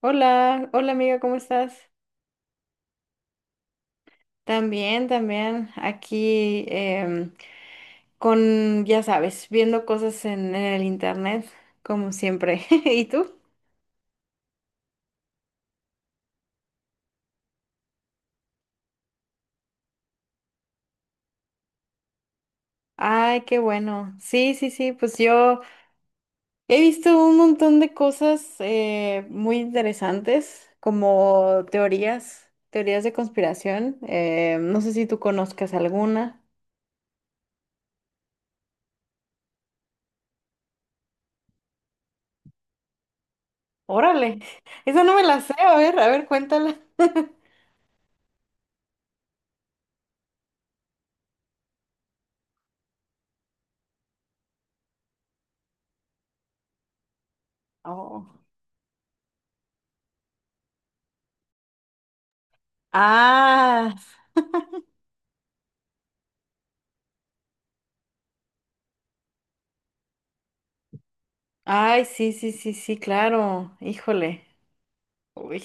Hola, hola amiga, ¿cómo estás? También, también, aquí con, ya sabes, viendo cosas en el internet, como siempre. ¿Y tú? Ay, qué bueno. Sí, sí, sí, pues yo he visto un montón de cosas muy interesantes, como teorías de conspiración. No sé si tú conozcas alguna. Órale, esa no me la sé, a ver, cuéntala. Oh. Ah, ay, sí, sí, sí, sí, claro. Híjole. Uy.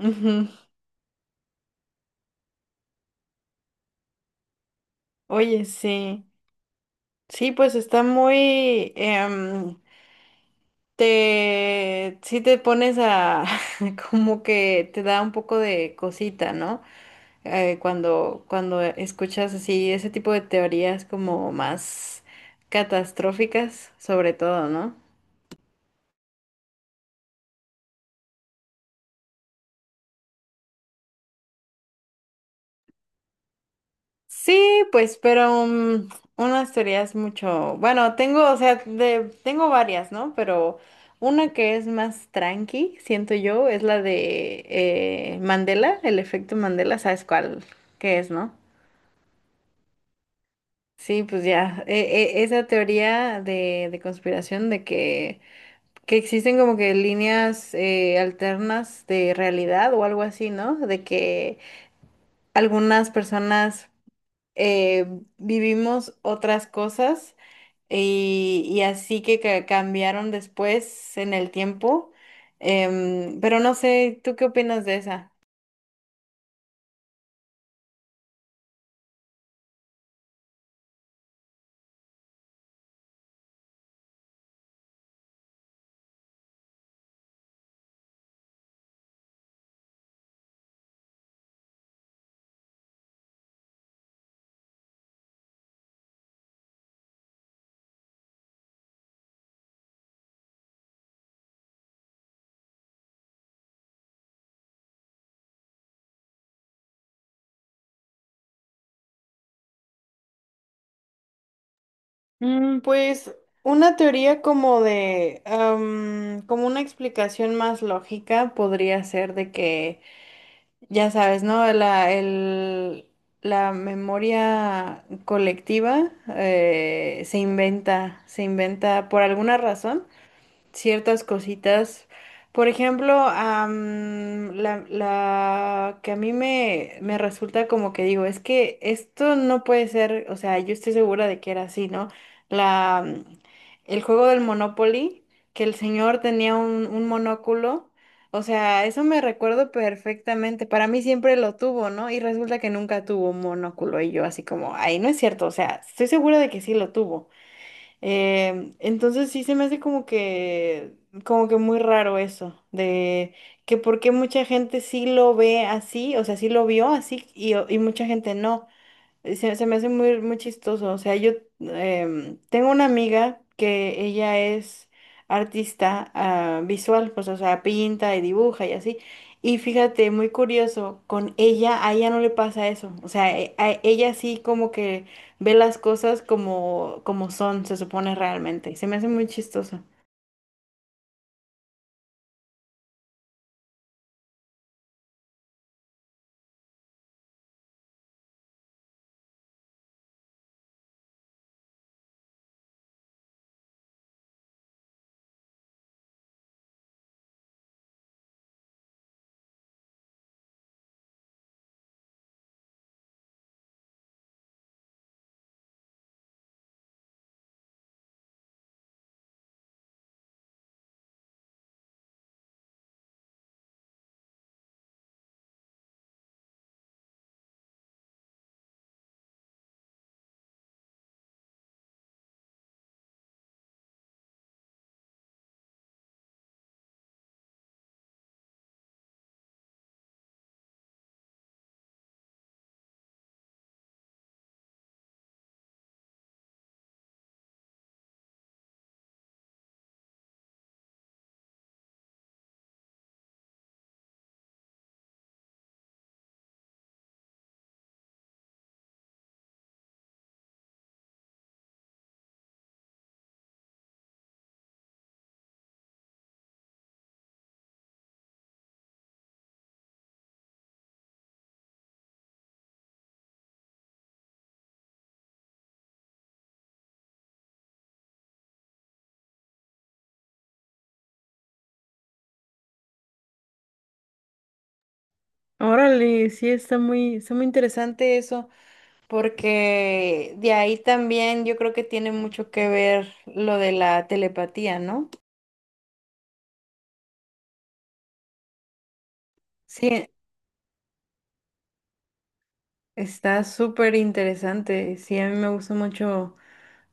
Ujú. Oye, sí. Sí, pues está sí te pones como que te da un poco de cosita, ¿no? Cuando escuchas así ese tipo de teorías como más catastróficas, sobre todo, ¿no? Sí, pues, pero unas teorías mucho, bueno, tengo, o sea, de, tengo varias, ¿no? Pero una que es más tranqui, siento yo, es la de Mandela, el efecto Mandela, ¿sabes cuál qué es, no? Sí, pues ya, esa teoría de conspiración de que existen como que líneas alternas de realidad o algo así, ¿no? De que algunas personas eh, vivimos otras cosas y así que, cambiaron después en el tiempo. Pero no sé, ¿tú qué opinas de esa? Pues una teoría como de, como una explicación más lógica podría ser de que, ya sabes, ¿no? La memoria colectiva se inventa por alguna razón ciertas cositas. Por ejemplo, la que a mí me resulta como que digo, es que esto no puede ser, o sea, yo estoy segura de que era así, ¿no? La, mm, el juego del Monopoly, que el señor tenía un monóculo, o sea, eso me recuerdo perfectamente, para mí siempre lo tuvo, ¿no? Y resulta que nunca tuvo un monóculo y yo así como, ay, no es cierto, o sea, estoy segura de que sí lo tuvo. Entonces sí se me hace como que muy raro eso, de que por qué mucha gente sí lo ve así, o sea, sí lo vio así y mucha gente no. Se se me hace muy, muy chistoso. O sea, yo tengo una amiga que ella es artista visual, pues, o sea, pinta y dibuja y así. Y fíjate, muy curioso, con ella, a ella no le pasa eso. O sea, a ella sí como que ve las cosas como, como son, se supone realmente. Y se me hace muy chistoso. Órale, sí, está muy interesante eso. Porque de ahí también yo creo que tiene mucho que ver lo de la telepatía, ¿no? Sí, está súper interesante. Sí, a mí me gusta mucho,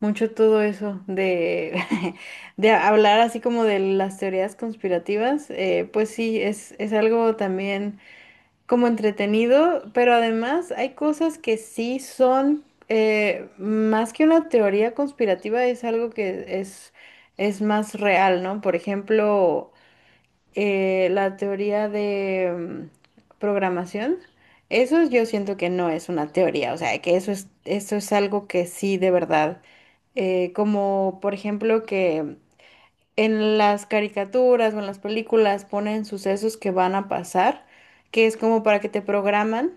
mucho todo eso de, de hablar así como de las teorías conspirativas. Pues sí, es algo también como entretenido, pero además hay cosas que sí son más que una teoría conspirativa, es algo que es más real, ¿no? Por ejemplo, la teoría de programación, eso yo siento que no es una teoría, o sea, que eso es algo que sí de verdad, como por ejemplo que en las caricaturas o en las películas ponen sucesos que van a pasar, que es como para que te programan,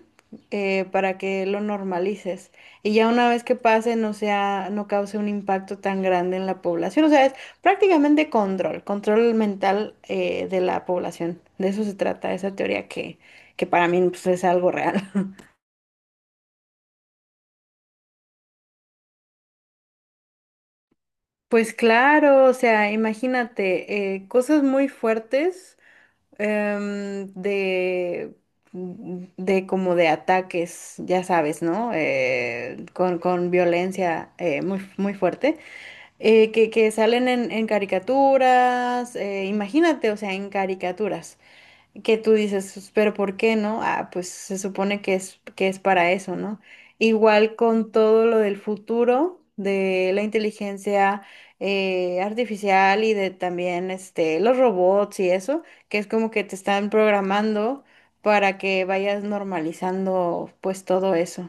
para que lo normalices. Y ya una vez que pase, no sea, no cause un impacto tan grande en la población. O sea, es prácticamente control, control mental, de la población. De eso se trata esa teoría que para mí pues, es algo real. Pues claro, o sea, imagínate, cosas muy fuertes de de como de ataques, ya sabes, ¿no? Con con violencia muy, muy fuerte, que salen en caricaturas, imagínate, o sea, en caricaturas que tú dices, "Pues, pero ¿por qué no? Ah, pues se supone que es para eso, ¿no?" Igual con todo lo del futuro, de la inteligencia artificial y de también este, los robots y eso, que es como que te están programando para que vayas normalizando pues todo eso.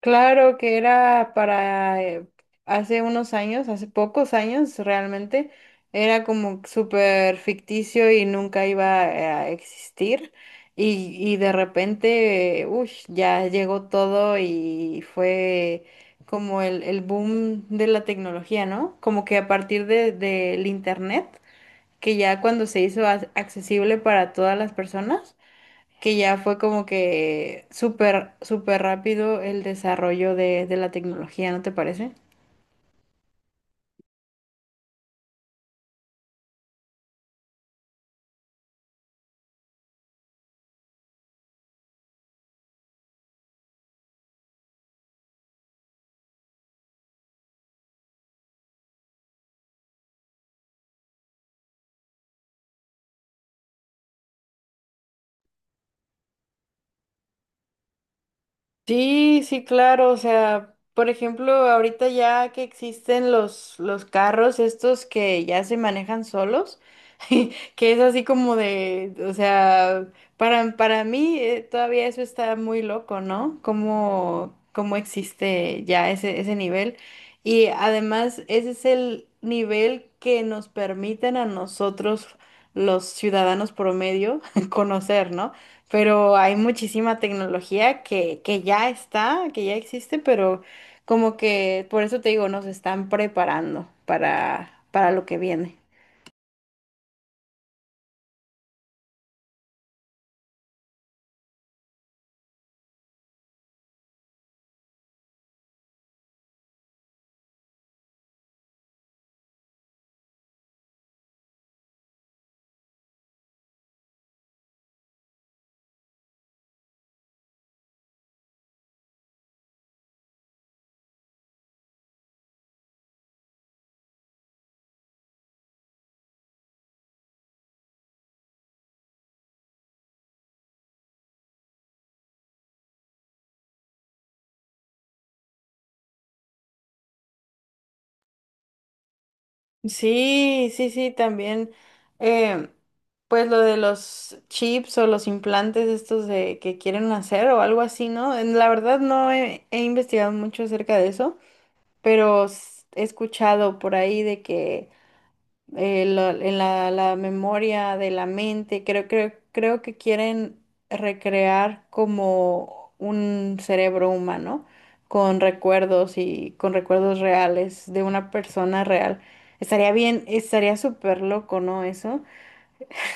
Claro que era para hace unos años, hace pocos años realmente, era como súper ficticio y nunca iba a existir. Y de repente, uy, ya llegó todo y fue como el boom de la tecnología, ¿no? Como que a partir del internet, que ya cuando se hizo accesible para todas las personas, que ya fue como que súper, súper rápido el desarrollo de la tecnología, ¿no te parece? Sí, sí, claro, o sea, por ejemplo, ahorita ya que existen los carros estos que ya se manejan solos, que es así como de, o sea, para mí todavía eso está muy loco, ¿no? ¿Cómo existe ya ese nivel? Y además, ese es el nivel que nos permiten a nosotros, los ciudadanos promedio, conocer, ¿no? Pero hay muchísima tecnología que ya está, que ya existe, pero como que, por eso te digo, nos están preparando para lo que viene. Sí, sí, sí, también. eh, pues lo de los chips o los implantes estos de que quieren hacer o algo así, ¿no? La verdad no he investigado mucho acerca de eso, pero he escuchado por ahí de que la memoria de la mente. Creo que quieren recrear como un cerebro humano con recuerdos y con recuerdos reales de una persona real. Estaría bien, estaría súper loco, ¿no? Eso,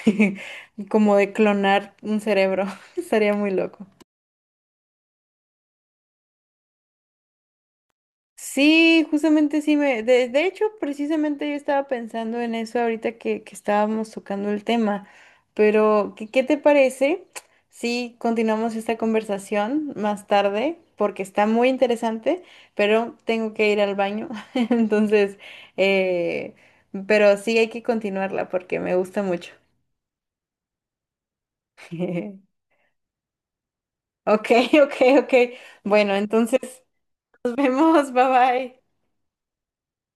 como de clonar un cerebro, estaría muy loco. Sí, justamente sí de hecho, precisamente yo estaba pensando en eso ahorita que estábamos tocando el tema, pero ¿qué te parece si continuamos esta conversación más tarde? Porque está muy interesante, pero tengo que ir al baño, entonces, eh, pero sí hay que continuarla porque me gusta mucho. Ok, ok, ok. Bueno, entonces nos vemos, bye bye.